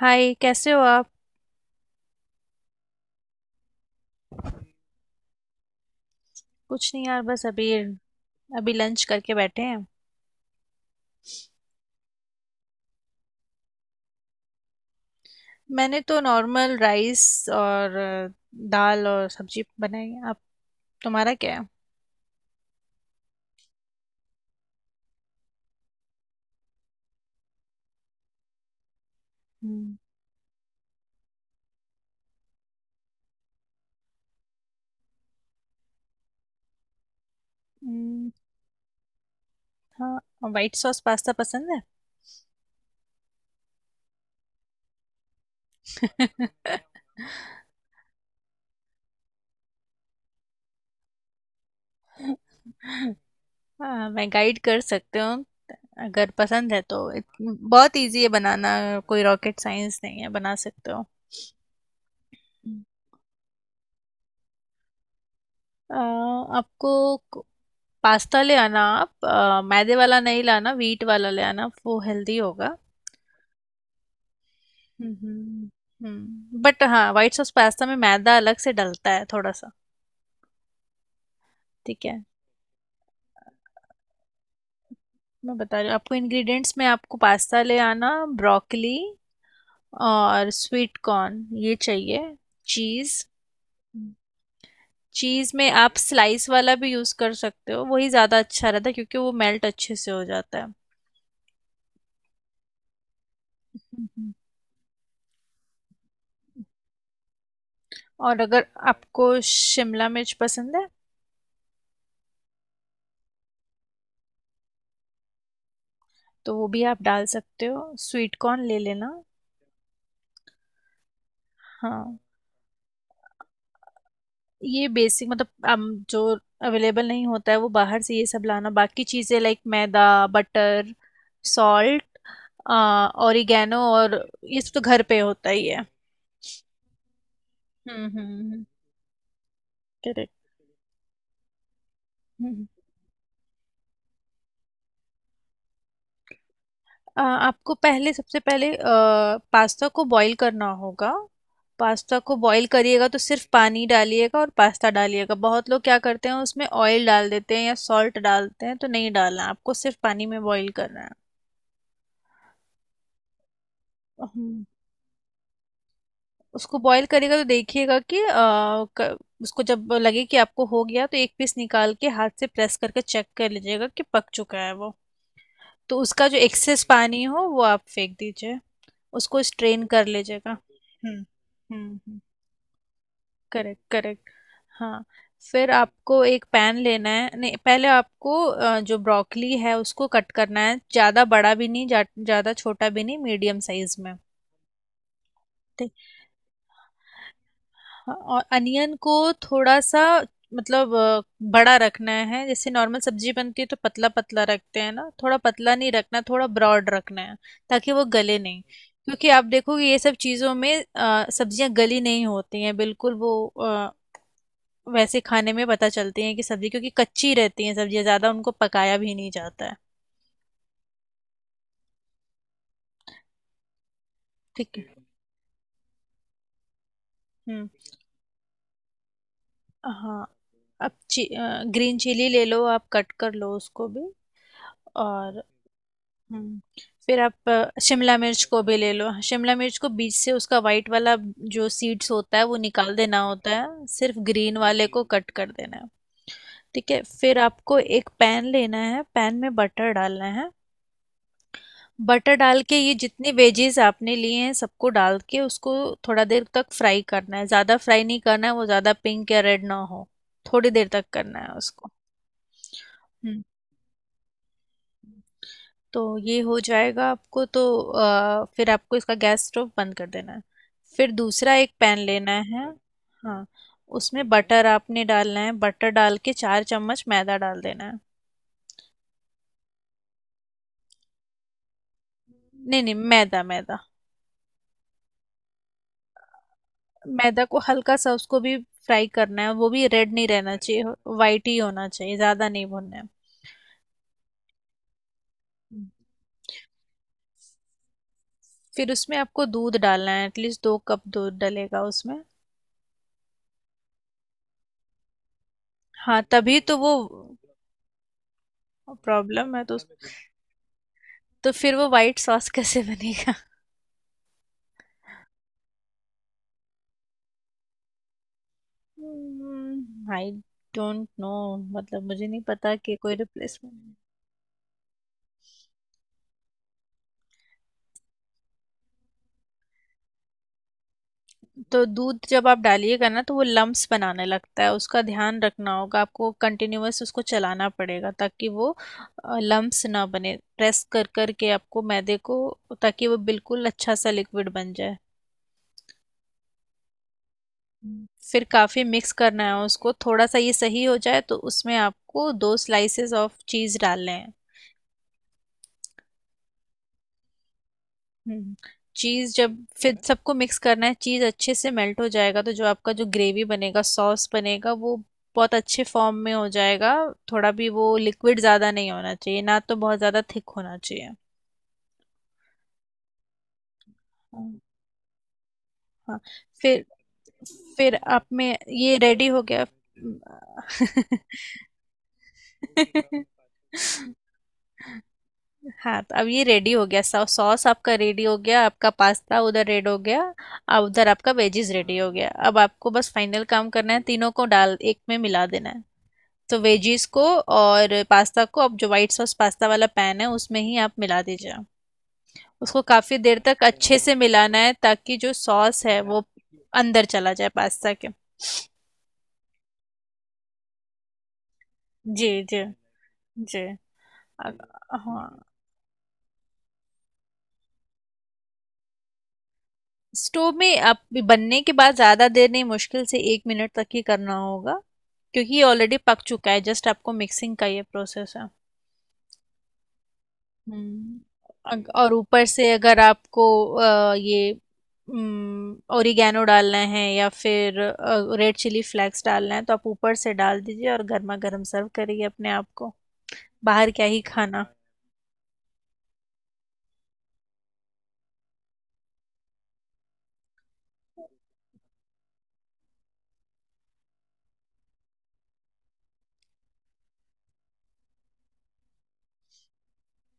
हाय, कैसे हो आप। कुछ नहीं यार, बस अभी अभी लंच करके बैठे हैं। मैंने तो नॉर्मल राइस और दाल और सब्जी बनाई है। आप तुम्हारा क्या है। हम्म, हम्म, हाँ वाइट सॉस पास्ता पसंद है। हाँ, मैं गाइड कर सकती हूँ अगर पसंद है तो बहुत इजी है बनाना, कोई रॉकेट साइंस नहीं है, बना सकते हो। अ, आपको पास्ता ले आना, आप मैदे वाला नहीं लाना, वीट वाला ले आना, वो हेल्दी होगा। हम्म हम्म, बट हाँ वाइट सॉस पास्ता में मैदा अलग से डलता है थोड़ा सा। ठीक है, मैं बता रही हूँ आपको। इंग्रेडिएंट्स में आपको पास्ता ले आना, ब्रोकली और स्वीट कॉर्न ये चाहिए, चीज़। हम्म, चीज़ में आप स्लाइस वाला भी यूज़ कर सकते हो, वही ज़्यादा अच्छा रहता है क्योंकि वो मेल्ट अच्छे से हो जाता है। हम्म, और अगर आपको शिमला मिर्च पसंद है तो वो भी आप डाल सकते हो, स्वीट कॉर्न ले लेना। हाँ, ये बेसिक मतलब हम जो अवेलेबल नहीं होता है वो बाहर से ये सब लाना, बाकी चीज़ें लाइक मैदा, बटर, सॉल्ट, ऑरिगेनो और ये सब तो घर पे होता ही है। हम्म हम्म हम्म। करेक्ट। आपको पहले सबसे पहले पास्ता को बॉईल करना होगा। पास्ता को बॉईल करिएगा तो सिर्फ पानी डालिएगा और पास्ता डालिएगा। बहुत लोग क्या करते हैं उसमें ऑयल डाल देते हैं या सॉल्ट डालते हैं तो नहीं डालना है, आपको सिर्फ पानी में बॉईल करना है। हम्म, उसको बॉईल करिएगा तो देखिएगा कि उसको जब लगे कि आपको हो गया तो एक पीस निकाल के हाथ से प्रेस करके चेक कर लीजिएगा कि पक चुका है वो। तो उसका जो एक्सेस पानी हो वो आप फेंक दीजिए, उसको स्ट्रेन कर लीजिएगा। हम्म हम्म। Correct correct. हाँ, फिर आपको एक पैन लेना है। नहीं, पहले आपको जो ब्रोकली है उसको कट करना है, ज़्यादा बड़ा भी नहीं, ज़्यादा छोटा भी नहीं, मीडियम साइज में। ठीक। हाँ, और अनियन को थोड़ा सा, मतलब बड़ा रखना है। जैसे नॉर्मल सब्जी बनती है तो पतला पतला रखते हैं ना, थोड़ा पतला नहीं रखना, थोड़ा ब्रॉड रखना है ताकि वो गले नहीं, क्योंकि आप देखोगे ये सब चीज़ों में सब्जियां गली नहीं होती हैं बिल्कुल। वो वैसे खाने में पता चलती हैं कि सब्जी, क्योंकि कच्ची रहती हैं सब्जियां, ज़्यादा उनको पकाया भी नहीं जाता है। ठीक है। हम्म। हाँ, अब ग्रीन चिली ले लो, आप कट कर लो उसको भी। और हम्म, फिर आप शिमला मिर्च को भी ले लो। हाँ, शिमला मिर्च को बीच से उसका वाइट वाला जो सीड्स होता है वो निकाल देना होता है, सिर्फ ग्रीन वाले को कट कर देना है। ठीक है, फिर आपको एक पैन लेना है, पैन में बटर डालना है। बटर डाल के ये जितने वेजीज आपने लिए हैं सबको डाल के उसको थोड़ा देर तक फ्राई करना है, ज़्यादा फ्राई नहीं करना है, वो ज़्यादा पिंक या रेड ना हो, थोड़ी देर तक करना है उसको। हम्म, तो ये हो जाएगा आपको, तो फिर आपको इसका गैस स्टोव बंद कर देना है। फिर दूसरा एक पैन लेना है। हाँ, उसमें बटर आपने डालना है, बटर डाल के चार चम्मच मैदा डाल देना है। नहीं नहीं, मैदा मैदा। मैदा को हल्का सा उसको भी फ्राई करना है, वो भी रेड नहीं रहना चाहिए, वाइट ही होना चाहिए, ज़्यादा नहीं भुनना है। हम्म। फिर उसमें आपको दूध डालना है, एटलीस्ट दो कप दूध डलेगा उसमें। हाँ तभी तो वो, प्रॉब्लम है तो फिर वो वाइट सॉस कैसे बनेगा। आई डोंट नो, मतलब मुझे नहीं पता कि कोई रिप्लेसमेंट। तो दूध जब आप डालिएगा ना तो वो लम्प्स बनाने लगता है, उसका ध्यान रखना होगा आपको, कंटिन्यूअस उसको चलाना पड़ेगा ताकि वो लम्प्स ना बने, प्रेस कर कर के आपको मैदे को, ताकि वो बिल्कुल अच्छा सा लिक्विड बन जाए। फिर काफ़ी मिक्स करना है उसको, थोड़ा सा ये सही हो जाए तो उसमें आपको दो स्लाइसेस ऑफ चीज़ डालने हैं। हम्म, चीज जब, फिर सबको मिक्स करना है। चीज अच्छे से मेल्ट हो जाएगा तो जो आपका जो ग्रेवी बनेगा, सॉस बनेगा वो बहुत अच्छे फॉर्म में हो जाएगा। थोड़ा भी वो लिक्विड ज्यादा नहीं होना चाहिए ना तो बहुत ज्यादा थिक होना चाहिए। हाँ हाँ। फिर फिर आप में ये रेडी हो गया। हाँ, तो अब ये रेडी हो गया, सॉ सॉस आपका रेडी हो गया, आपका पास्ता उधर रेड हो गया और उधर आपका वेजीज रेडी हो गया। अब आपको बस फाइनल काम करना है, तीनों को डाल एक में मिला देना है। तो वेजीज को और पास्ता को अब जो वाइट सॉस पास्ता वाला पैन है उसमें ही आप मिला दीजिए। उसको काफ़ी देर तक अच्छे से मिलाना है ताकि जो सॉस है वो अंदर चला जाए पास्ता के। जी जी जी। अ- हाँ, स्टोव में आप बनने के बाद ज़्यादा देर नहीं, मुश्किल से एक मिनट तक ही करना होगा क्योंकि ये ऑलरेडी पक चुका है, जस्ट आपको मिक्सिंग का ये प्रोसेस है। हम्म। और ऊपर से अगर आपको ये ओरिगेनो डालना है या फिर रेड चिली फ्लेक्स डालना है तो आप ऊपर से डाल दीजिए और गर्मा गर्म सर्व करिए अपने आप को, बाहर क्या ही खाना।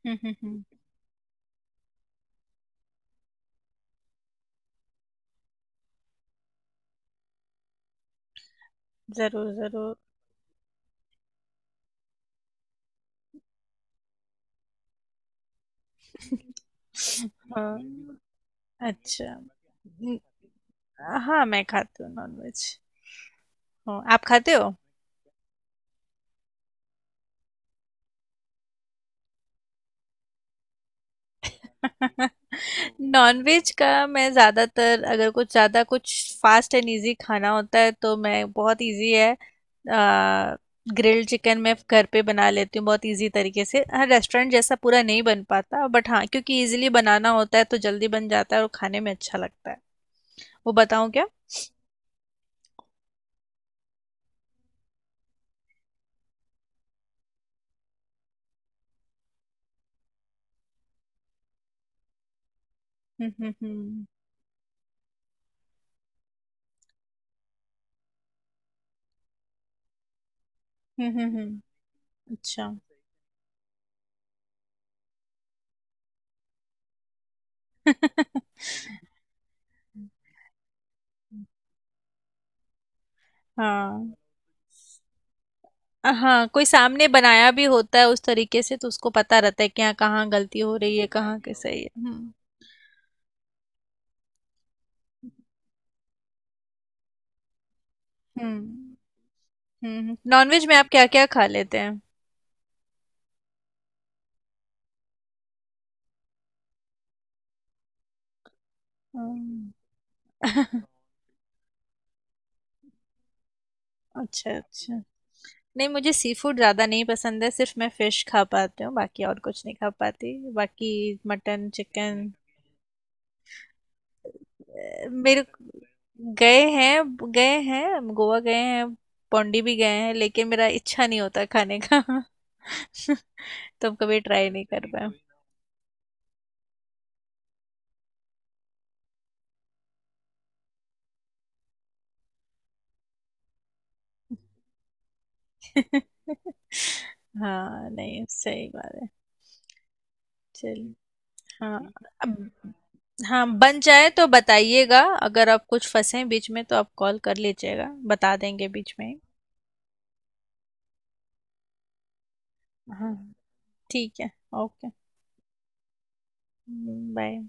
हम्म हम्म हम्म, जरूर जरूर। हाँ अच्छा। हाँ मैं खाती हूँ नॉनवेज। हाँ, आप खाते हो। नॉनवेज का मैं ज़्यादातर अगर कुछ ज़्यादा कुछ फास्ट एंड इजी खाना होता है तो मैं, बहुत इजी है, ग्रिल्ड चिकन मैं घर पे बना लेती हूँ, बहुत इजी तरीके से। हाँ रेस्टोरेंट जैसा पूरा नहीं बन पाता बट हाँ, क्योंकि इजीली बनाना होता है तो जल्दी बन जाता है और खाने में अच्छा लगता है। वो बताऊँ क्या। हम्म हम्म हम्म हम्म हम्म हम्म, अच्छा। हाँ हाँ, कोई सामने बनाया भी होता है उस तरीके से तो उसको पता रहता है कि हाँ कहाँ गलती हो रही है, कहाँ के सही है। हम्म हम्म, नॉनवेज में आप क्या क्या खा लेते हैं। हम्म, अच्छा अच्छा, नहीं मुझे सी फूड ज़्यादा नहीं पसंद है, सिर्फ मैं फिश खा पाती हूँ, बाकी और कुछ नहीं खा पाती, बाकी मटन चिकन। मेरे गए हैं, गए हैं, हम गोवा गए हैं, पौंडी भी गए हैं, लेकिन मेरा इच्छा नहीं होता खाने का। तो हम कभी ट्राई नहीं कर पाए। हाँ नहीं, सही बात है। चलिए। हाँ अब, हाँ बन जाए तो बताइएगा, अगर आप कुछ फंसे बीच में तो आप कॉल कर लीजिएगा, बता देंगे बीच में ही। हाँ ठीक है, ओके, बाय।